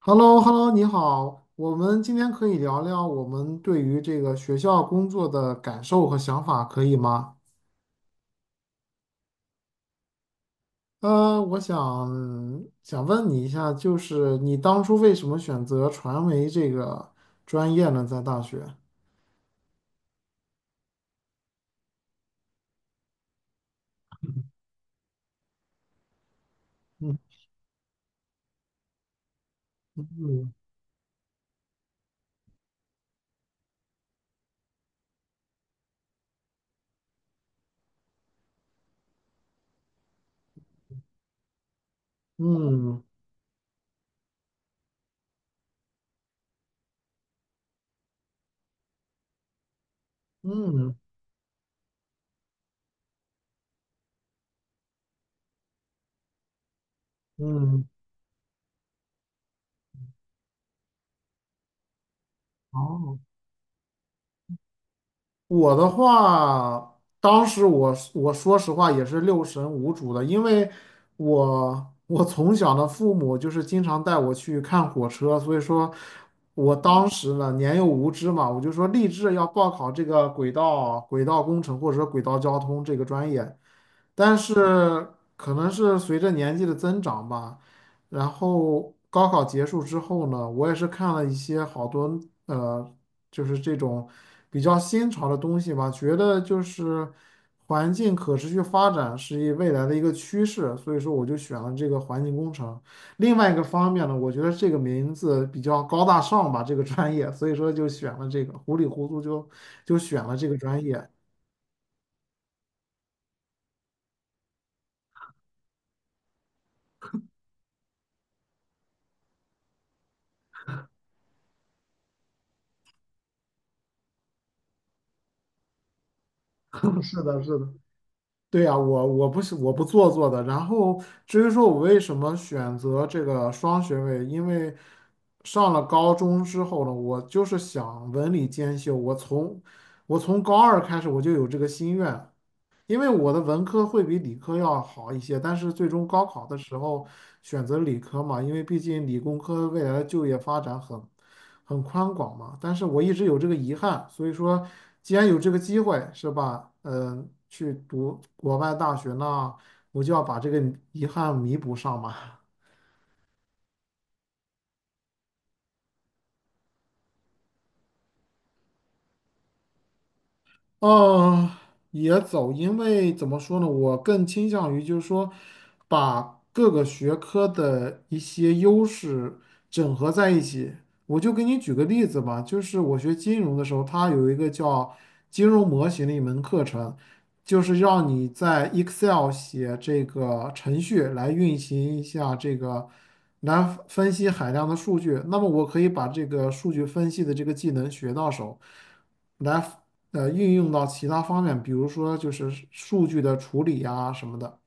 h e l l o h e l l o 你好，我们今天可以聊聊我们对于这个学校工作的感受和想法，可以吗？我想问你一下，就是你当初为什么选择传媒这个专业呢？在大学？嗯嗯嗯嗯嗯，哦，我的话，当时我说实话也是六神无主的，因为我从小的父母就是经常带我去看火车，所以说我当时呢年幼无知嘛，我就说立志要报考这个轨道工程或者说轨道交通这个专业，但是可能是随着年纪的增长吧，然后高考结束之后呢，我也是看了一些好多。呃就是这种比较新潮的东西吧，觉得就是环境可持续发展是一未来的一个趋势，所以说我就选了这个环境工程。另外一个方面呢，我觉得这个名字比较高大上吧，这个专业，所以说就选了这个，糊里糊涂就选了这个专业。是的，是的。对呀，我不是我不做作的。然后至于说我为什么选择这个双学位，因为上了高中之后呢，我就是想文理兼修。我从高二开始我就有这个心愿，因为我的文科会比理科要好一些，但是最终高考的时候选择理科嘛，因为毕竟理工科未来的就业发展很宽广嘛。但是我一直有这个遗憾，所以说既然有这个机会，是吧？嗯、去读国外大学呢，我就要把这个遗憾弥补上嘛。嗯，也走，因为怎么说呢，我更倾向于就是说，把各个学科的一些优势整合在一起。我就给你举个例子吧，就是我学金融的时候，它有一个叫金融模型的一门课程，就是让你在 Excel 写这个程序来运行一下这个，来分析海量的数据。那么我可以把这个数据分析的这个技能学到手。来运用到其他方面，比如说就是数据的处理呀什么的。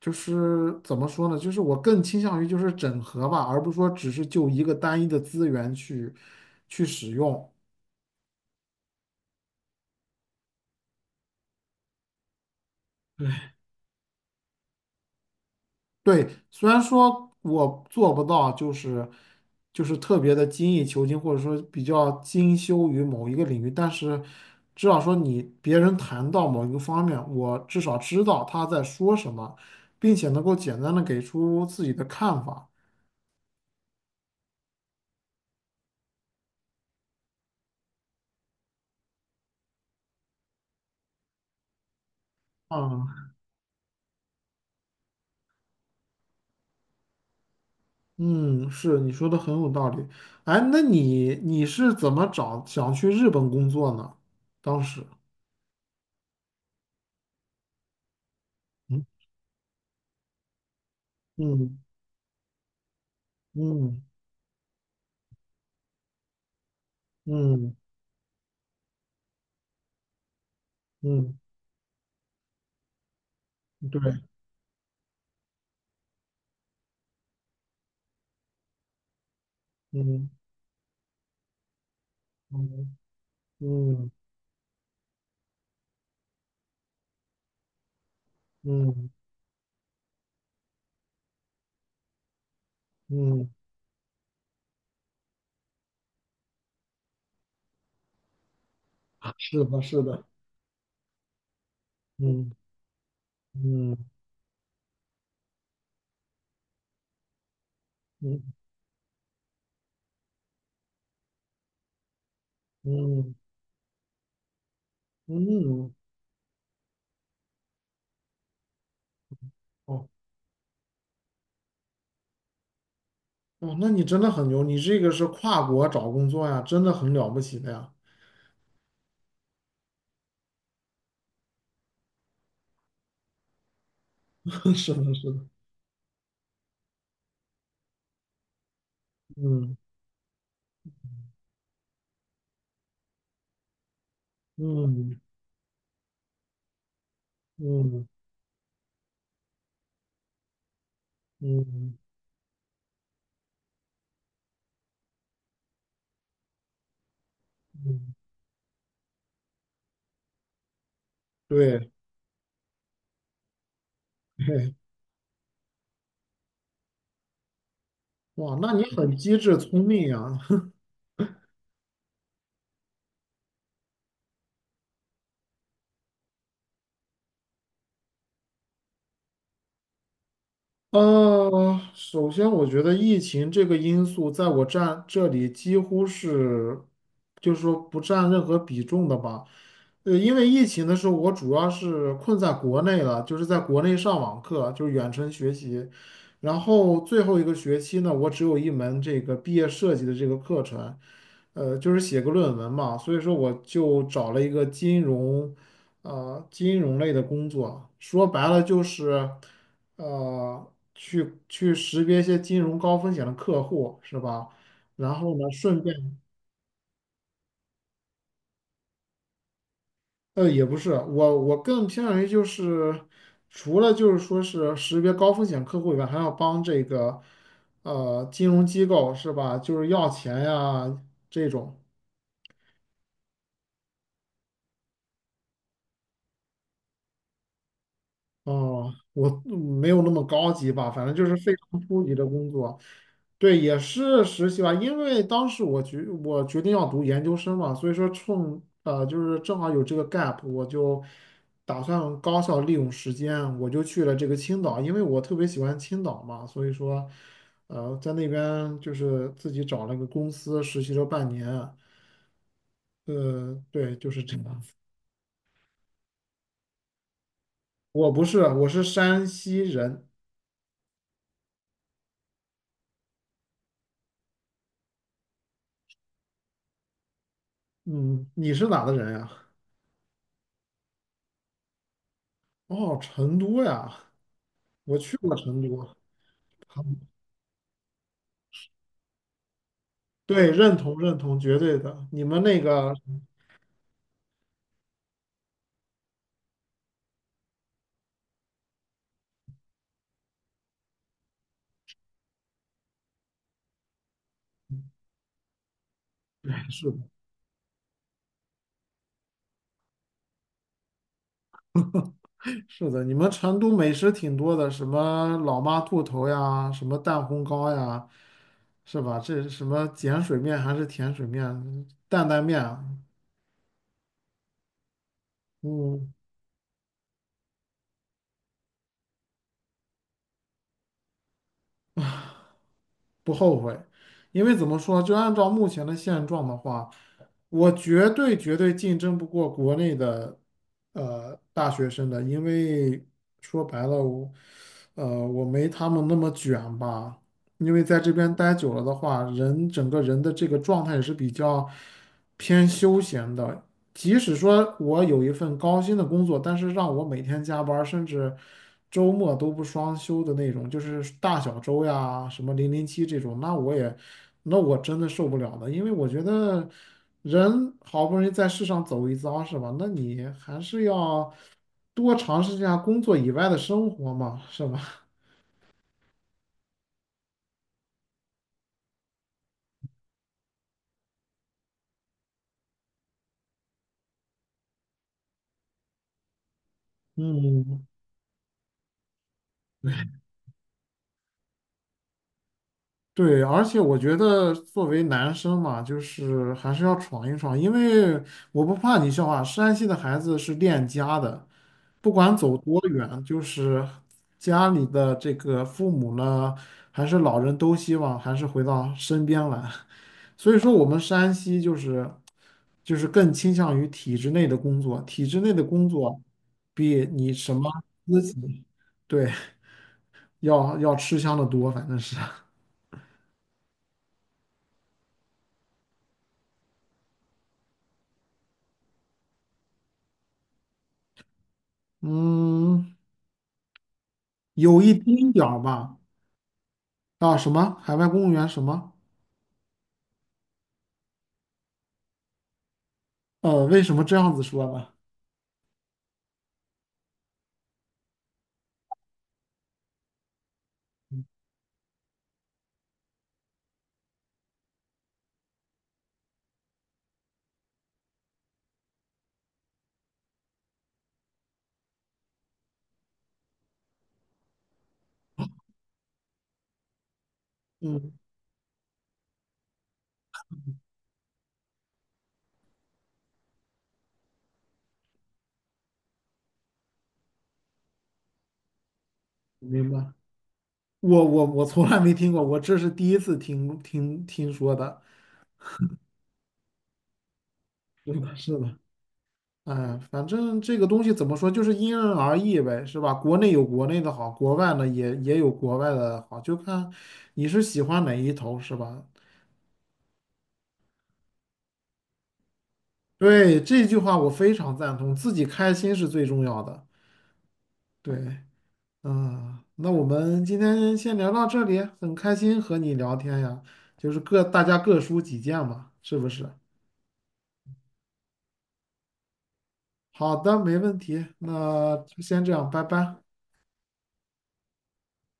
就是怎么说呢？就是我更倾向于就是整合吧，而不是说只是就一个单一的资源去使用。对，虽然说我做不到，就是特别的精益求精，或者说比较精修于某一个领域，但是至少说你别人谈到某一个方面，我至少知道他在说什么，并且能够简单的给出自己的看法。啊，嗯，是你说的很有道理。哎，那你是怎么想去日本工作呢？当时，嗯嗯嗯嗯嗯，对，嗯嗯嗯嗯嗯，是的，是的，嗯嗯嗯嗯嗯，哦哦，那你真的很牛，你这个是跨国找工作呀，真的很了不起的呀。是的，是的，嗯嗯嗯嗯嗯，对。嘿，哇，那你很机智聪明呀，首先我觉得疫情这个因素在我占这里几乎是，就是说不占任何比重的吧。因为疫情的时候，我主要是困在国内了，就是在国内上网课，就是远程学习。然后最后一个学期呢，我只有一门这个毕业设计的这个课程，就是写个论文嘛。所以说我就找了一个金融，金融类的工作。说白了就是。去识别一些金融高风险的客户，是吧？然后呢，顺便，也不是，我更偏向于就是，除了就是说是识别高风险客户以外，还要帮这个，金融机构是吧？就是要钱呀这种。哦，我没有那么高级吧，反正就是非常初级的工作。对，也是实习吧，因为当时我决定要读研究生嘛，所以说就是正好有这个 gap，我就打算高效利用时间，我就去了这个青岛，因为我特别喜欢青岛嘛，所以说在那边就是自己找了个公司实习了半年，对，就是这样。我不是，我是山西人，嗯，你是哪的人呀？哦，成都呀，我去过成都。对，认同认同，绝对的。你们那个，对，是的，是的，你们成都美食挺多的，什么老妈兔头呀，什么蛋烘糕呀，是吧？这是什么碱水面还是甜水面，担担面啊嗯，不后悔，因为怎么说，就按照目前的现状的话，我绝对绝对竞争不过国内的大学生的，因为说白了，我我没他们那么卷吧，因为在这边待久了的话，人整个人的这个状态也是比较偏休闲的，即使说我有一份高薪的工作，但是让我每天加班儿甚至周末都不双休的那种，就是大小周呀，什么零零七这种，那我也，那我真的受不了的，因为我觉得人好不容易在世上走一遭，是吧？那你还是要多尝试一下工作以外的生活嘛，是吧？嗯，对，而且我觉得作为男生嘛，就是还是要闯一闯，因为我不怕你笑话，山西的孩子是恋家的，不管走多远，就是家里的这个父母呢，还是老人都希望还是回到身边来，所以说我们山西就是更倾向于体制内的工作，体制内的工作比你什么私企，对，要要吃香的多，反正是，嗯。有一丁点儿吧。啊，什么海外公务员什么？为什么这样子说呢？嗯，明白。我从来没听过，我这是第一次听说的。是的，哎，反正这个东西怎么说，就是因人而异呗，是吧？国内有国内的好，国外呢也有国外的好，就看你是喜欢哪一头，是吧？对，这句话我非常赞同，自己开心是最重要的。对。嗯，那我们今天先聊到这里，很开心和你聊天呀，就是大家各抒己见嘛，是不是？好的，没问题，那就先这样，拜拜。